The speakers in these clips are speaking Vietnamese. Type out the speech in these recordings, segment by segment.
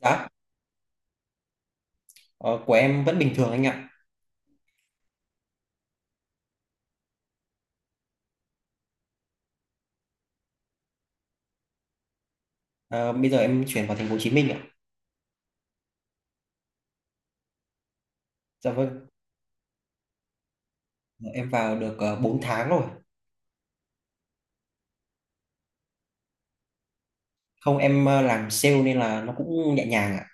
Dạ, ờ, của em vẫn bình thường anh ạ. Ờ, Bây giờ em chuyển vào thành phố Hồ Chí Minh ạ. Dạ vâng, em vào được 4 tháng rồi. Không, em làm sale nên là nó cũng nhẹ nhàng ạ.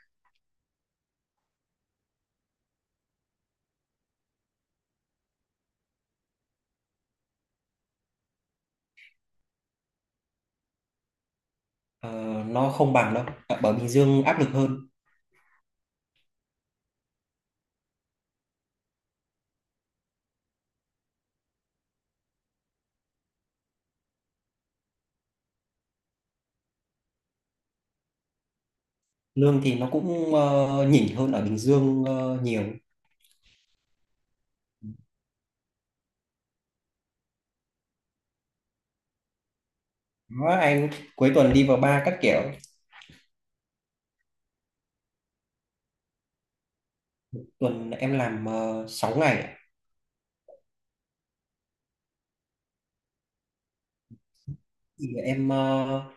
Ờ, nó không bằng đâu. Ờ, Ở Bình Dương áp lực hơn. Lương thì nó cũng nhỉnh hơn ở Bình Dương nhiều. Đó, anh cuối tuần đi vào bar các kiểu. Tuần em làm 6 ngày ạ. Thì em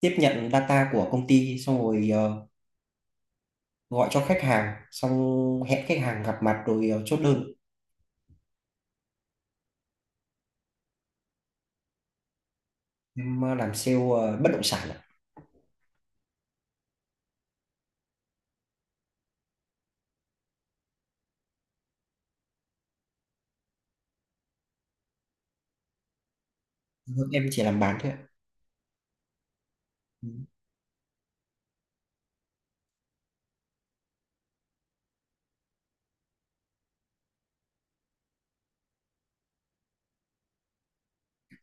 tiếp nhận data của công ty xong rồi gọi cho khách hàng xong hẹn khách hàng gặp mặt rồi chốt đơn. Em làm sale bất động sản ạ. Vâng, em chỉ làm bán thôi ạ. Ừ.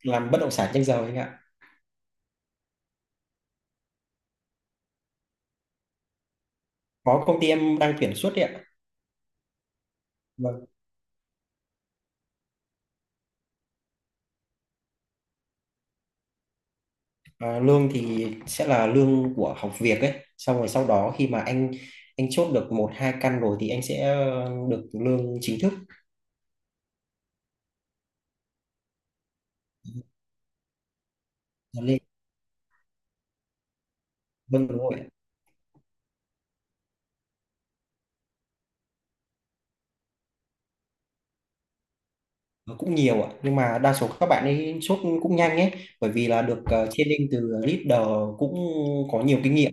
Làm bất động sản trên giờ anh ạ. Có công ty em đang tuyển suốt đấy ạ. Vâng. À, lương thì sẽ là lương của học việc ấy, xong rồi sau đó khi mà anh chốt được một hai căn rồi thì anh sẽ được lương chính thức. Nó lên. Vâng, đúng rồi ạ. Nó cũng nhiều ạ, nhưng mà đa số các bạn ấy chốt cũng nhanh ấy, bởi vì là được training từ leader, cũng có nhiều kinh nghiệm.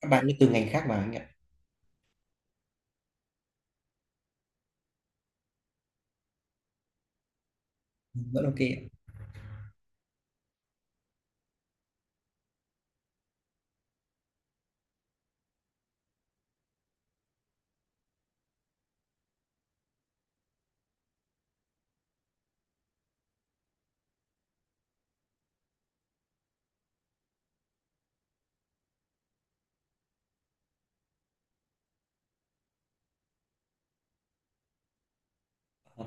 Các bạn ấy từ ngành khác mà anh ạ. Rất ok ạ.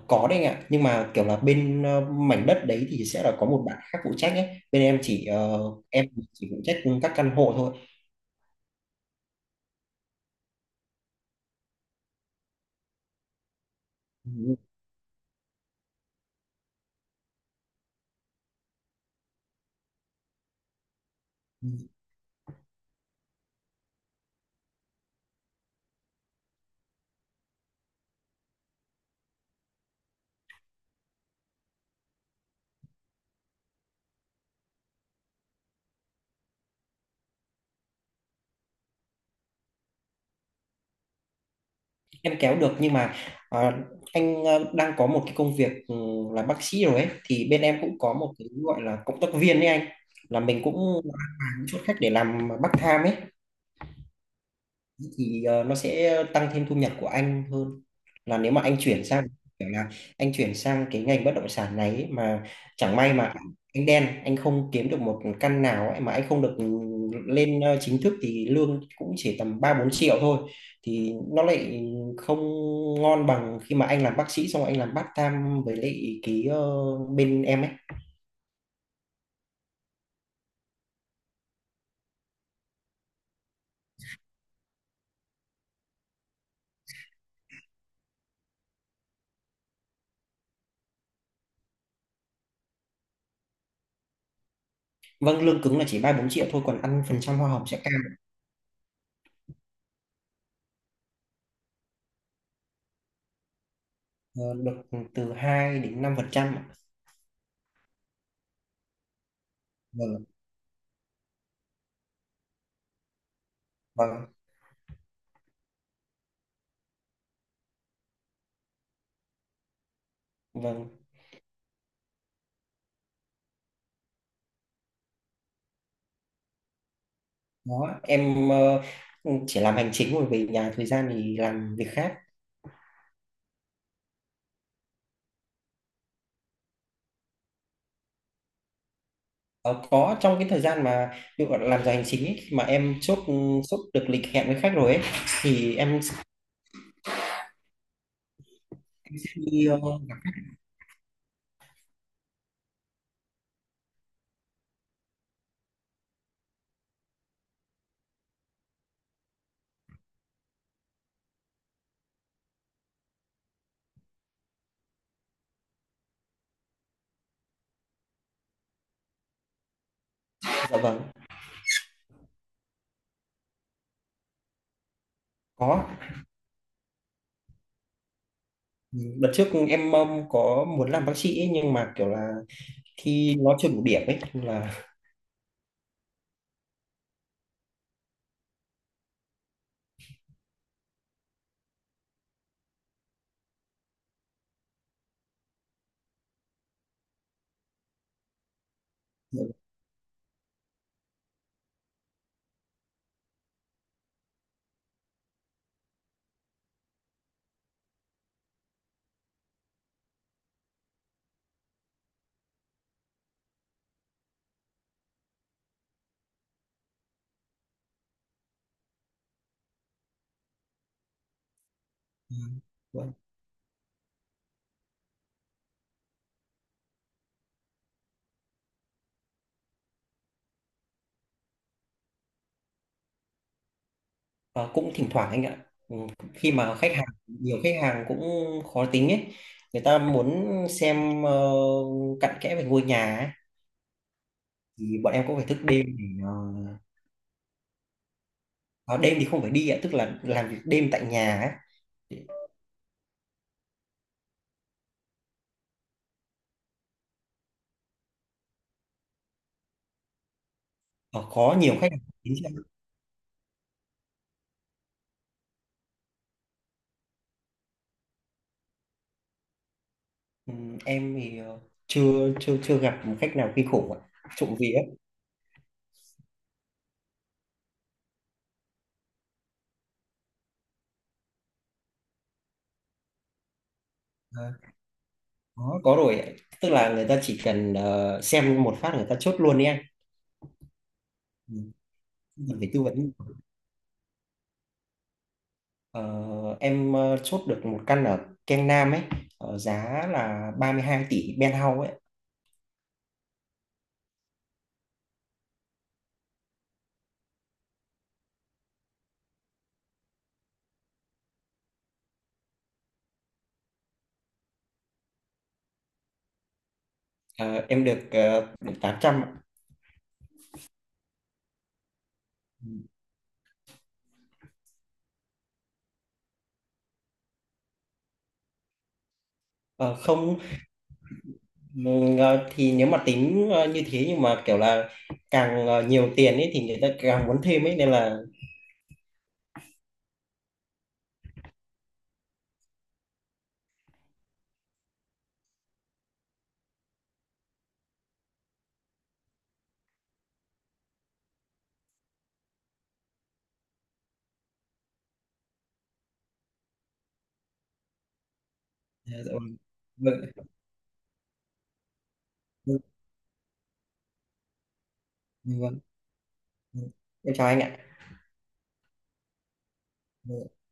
Có đấy anh ạ, nhưng mà kiểu là bên mảnh đất đấy thì sẽ là có một bạn khác phụ trách ấy. Bên em chỉ ờ, em chỉ phụ trách các căn hộ thôi. Ừ, ừ. Em kéo được, nhưng mà ờ, anh đang có một cái công việc là bác sĩ rồi ấy, thì bên em cũng có một cái gọi là cộng tác viên đấy anh. Là mình cũng mang chút khách để làm part tham ấy. Thì nó sẽ tăng thêm thu nhập của anh hơn là nếu mà kiểu là anh chuyển sang cái ngành bất động sản này ấy, mà chẳng may mà anh đen, anh không kiếm được một căn nào ấy, mà anh không được lên chính thức thì lương cũng chỉ tầm 3-4 triệu thôi, thì nó lại không ngon bằng khi mà anh làm bác sĩ xong rồi anh làm part time với lại cái bên em ấy. Vâng, lương cứng là chỉ 3-4 triệu thôi, còn ăn phần trăm hoa hồng sẽ cao, ờ, được từ 2 đến 5% ạ. Vâng, vâng. Vâng, đó em chỉ làm hành chính rồi về nhà, thời gian thì làm việc khác. Ờ, có trong cái thời gian mà ví dụ làm giờ hành chính ấy, khi mà em chốt được lịch hẹn với khách rồi ấy, thì em sẽ đi dạ vâng, có. Ừ, đợt trước em có muốn làm bác sĩ ấy, nhưng mà kiểu là thi nó chưa đủ điểm ấy nên là. Ừ, vâng. Ờ, cũng thỉnh thoảng anh ạ. Ừ, khi mà khách hàng nhiều, khách hàng cũng khó tính ấy, người ta muốn xem cặn kẽ về ngôi nhà ấy, thì bọn em cũng phải thức đêm để à, đêm thì không phải đi ạ, tức là làm việc đêm tại nhà ấy. Ờ, có nhiều khách hàng đến cho em. Em thì chưa chưa chưa gặp một khách nào kinh khủng ạ, trộm vía. Ờ, có rồi ạ. Tức là người ta chỉ cần xem một phát người ta chốt luôn đi anh. Ừ, không cần phải tư vấn. Ờ, em chốt được một căn ở Keng Nam ấy, giá là 32 tỷ Penthouse ấy. Ờ, em được 800 ạ. Ờ, không. Ừ, thì nếu mà tính như thế, nhưng mà kiểu là càng nhiều tiền ấy thì người ta càng muốn thêm ấy, nên là Dạ, vâng vâng vâng vâng. Vâng. Em chào anh ạ. Dạ.